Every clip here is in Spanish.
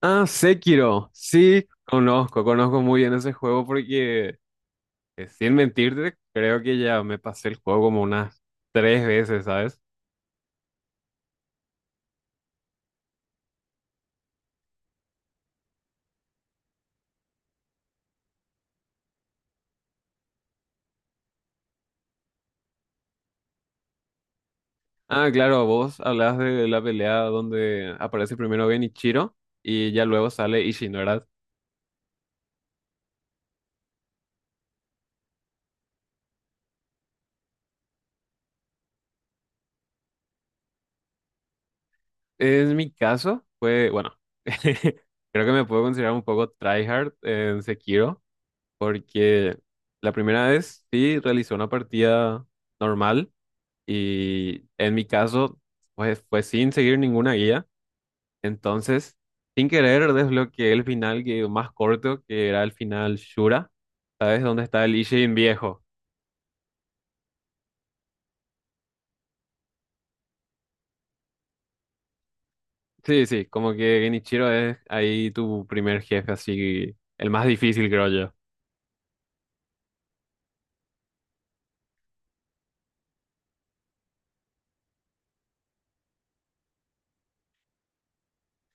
Ah, Sekiro. Sí, conozco, conozco muy bien ese juego porque, sin mentirte, creo que ya me pasé el juego como unas 3 veces, ¿sabes? Ah, claro, vos hablas de la pelea donde aparece primero Genichiro y ya luego sale Ishin, ¿verdad? En mi caso, fue, bueno, creo que me puedo considerar un poco tryhard en Sekiro porque la primera vez sí realicé una partida normal. Y en mi caso, pues fue sin seguir ninguna guía. Entonces, sin querer, desbloqueé el final que, más corto, que era el final Shura. ¿Sabes dónde está el Ishin viejo? Sí, sí, como que Genichiro es ahí tu primer jefe, así, el más difícil, creo yo.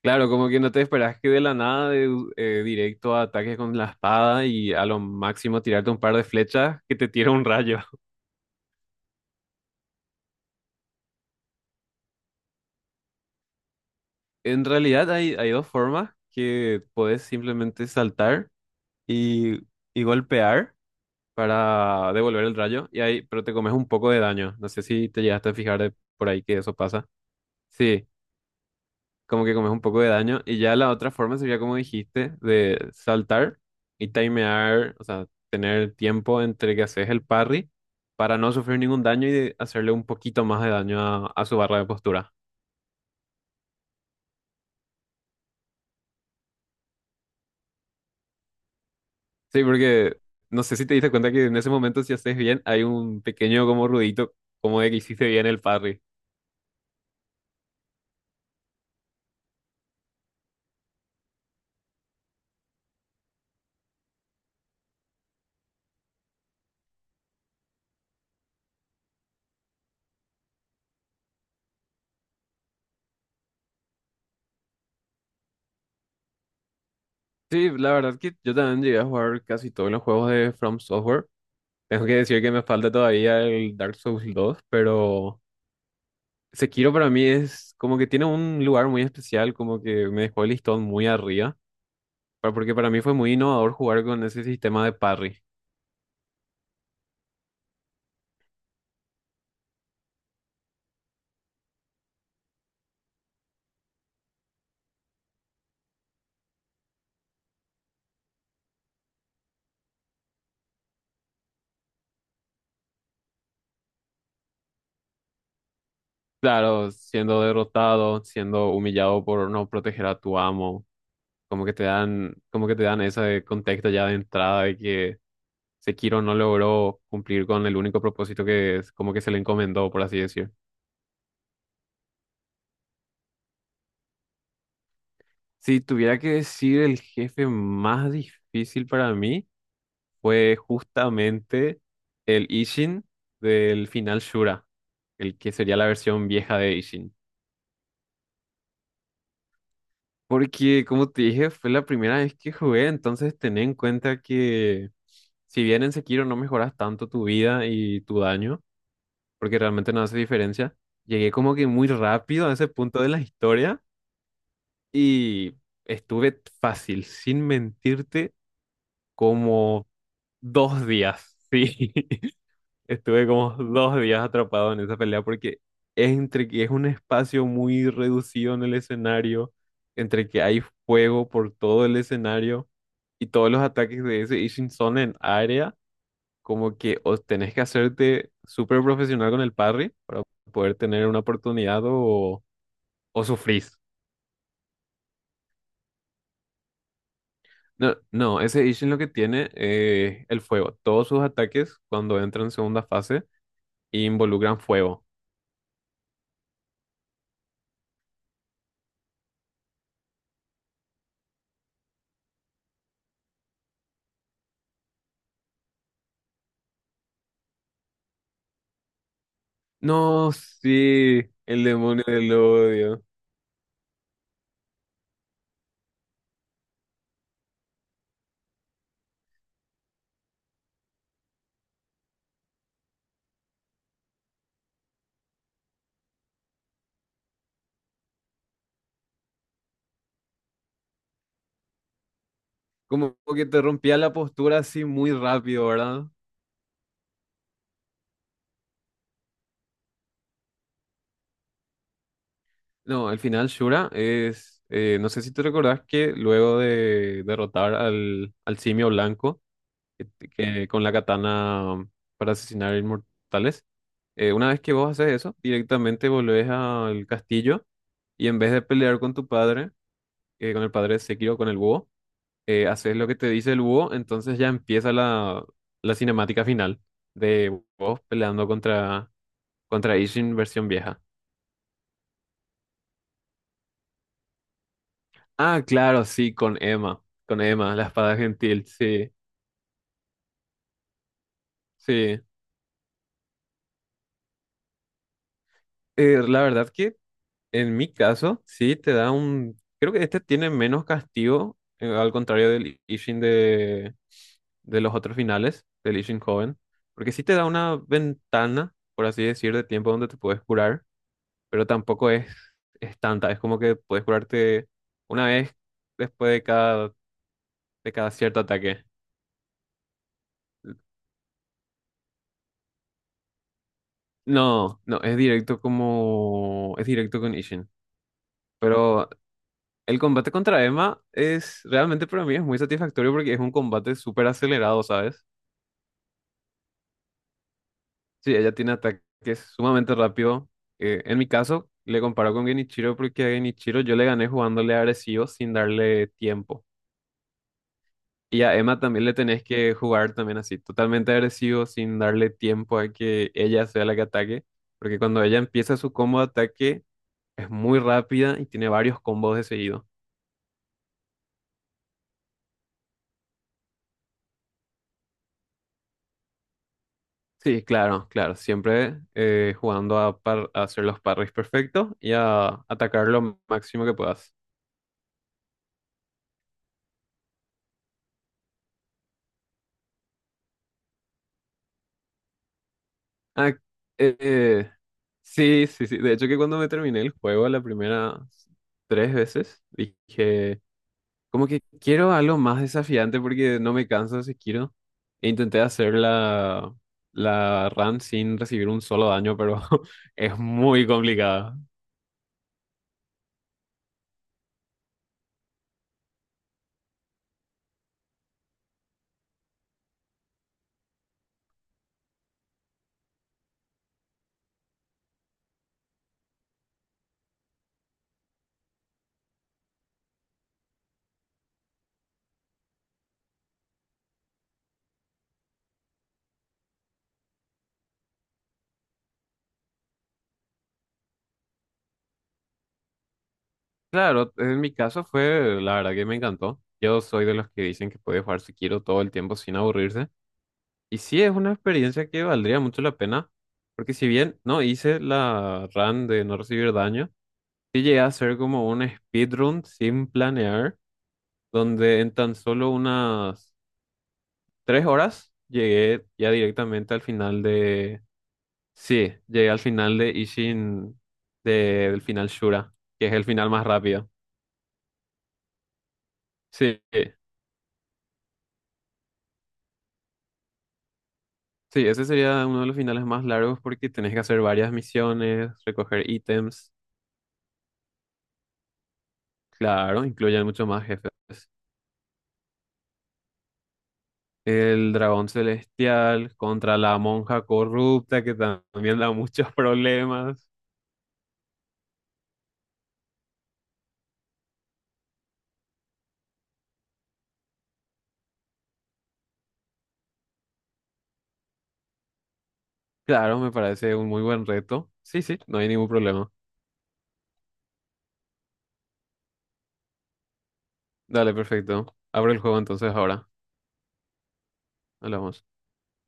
Claro, como que no te esperas que de la nada, de, directo a ataques con la espada y a lo máximo tirarte un par de flechas que te tira un rayo. En realidad hay, hay dos formas que puedes simplemente saltar y, y golpear para devolver el rayo, y ahí, pero te comes un poco de daño. No sé si te llegaste a fijar de por ahí que eso pasa. Sí, como que comes un poco de daño. Y ya la otra forma sería como dijiste, de saltar y timear, o sea, tener tiempo entre que haces el parry para no sufrir ningún daño y de hacerle un poquito más de daño a su barra de postura. Sí, porque no sé si te diste cuenta que en ese momento si haces bien hay un pequeño como ruidito como de que hiciste bien el parry. Sí, la verdad es que yo también llegué a jugar casi todos los juegos de From Software. Tengo que decir que me falta todavía el Dark Souls 2, pero Sekiro para mí es como que tiene un lugar muy especial, como que me dejó el listón muy arriba, porque para mí fue muy innovador jugar con ese sistema de parry. Claro, siendo derrotado, siendo humillado por no proteger a tu amo, como que te dan, como que te dan ese contexto ya de entrada de que Sekiro no logró cumplir con el único propósito que es como que se le encomendó, por así decir. Si tuviera que decir el jefe más difícil para mí, fue justamente el Ishin del final Shura, el que sería la versión vieja de Ishin. Porque, como te dije, fue la primera vez que jugué, entonces ten en cuenta que si bien en Sekiro no mejoras tanto tu vida y tu daño, porque realmente no hace diferencia, llegué como que muy rápido a ese punto de la historia y estuve fácil, sin mentirte, como... 2 días, sí. Estuve como 2 días atrapado en esa pelea porque es entre que es un espacio muy reducido en el escenario, entre que hay fuego por todo el escenario y todos los ataques de ese Ishin son en área, como que o tenés que hacerte súper profesional con el parry para poder tener una oportunidad o sufrís. No, no, ese Ishin lo que tiene el fuego. Todos sus ataques cuando entran en segunda fase involucran fuego. No, sí, el demonio del odio. Como que te rompía la postura así muy rápido, ¿verdad? No, al final Shura es, no sé si te recordás que luego de derrotar al, al simio blanco que con la katana para asesinar inmortales, una vez que vos haces eso, directamente volvés al castillo y en vez de pelear con tu padre, con el padre de Sekiro, con el búho, haces lo que te dice el búho, entonces ya empieza la, la cinemática final de vos peleando contra, contra Ishin versión vieja. Ah, claro, sí, con Emma, la espada gentil, sí, sí. La verdad que en mi caso, sí, te da un... Creo que este tiene menos castigo, al contrario del Ishin de los otros finales, del Ishin joven, porque sí te da una ventana, por así decir, de tiempo donde te puedes curar. Pero tampoco es, es tanta. Es como que puedes curarte una vez después de cada cierto ataque. No, no, es directo como... Es directo con Ishin. Pero el combate contra Emma es... Realmente para mí es muy satisfactorio porque es un combate súper acelerado, ¿sabes? Sí, ella tiene ataques sumamente rápido. En mi caso, le comparo con Genichiro porque a Genichiro yo le gané jugándole agresivo sin darle tiempo. Y a Emma también le tenés que jugar también así, totalmente agresivo, sin darle tiempo a que ella sea la que ataque, porque cuando ella empieza su combo de ataque es muy rápida y tiene varios combos de seguido. Sí, claro, claro, siempre jugando a, a hacer los parries perfectos y a atacar lo máximo que puedas. Ah, eh, eh, sí, sí, sí, de hecho que cuando me terminé el juego la primera tres veces, dije... Como que quiero algo más desafiante porque no me canso si quiero. E intenté hacer la, la run sin recibir un solo daño, pero es muy complicada. Claro, en mi caso fue, la verdad que me encantó. Yo soy de los que dicen que puede jugar si quiero todo el tiempo sin aburrirse. Y sí, es una experiencia que valdría mucho la pena, porque si bien no hice la run de no recibir daño, sí llegué a hacer como un speedrun sin planear, donde en tan solo unas 3 horas, llegué ya directamente al final de... Sí, llegué al final de Ishin, del final Shura, que es el final más rápido. Sí, sí, ese sería uno de los finales más largos porque tenés que hacer varias misiones, recoger ítems, claro, incluyen muchos más jefes. El dragón celestial contra la monja corrupta que también da muchos problemas. Claro, me parece un muy buen reto. Sí, sí, no hay ningún problema. Dale, perfecto. Abro el juego entonces ahora. Hablamos.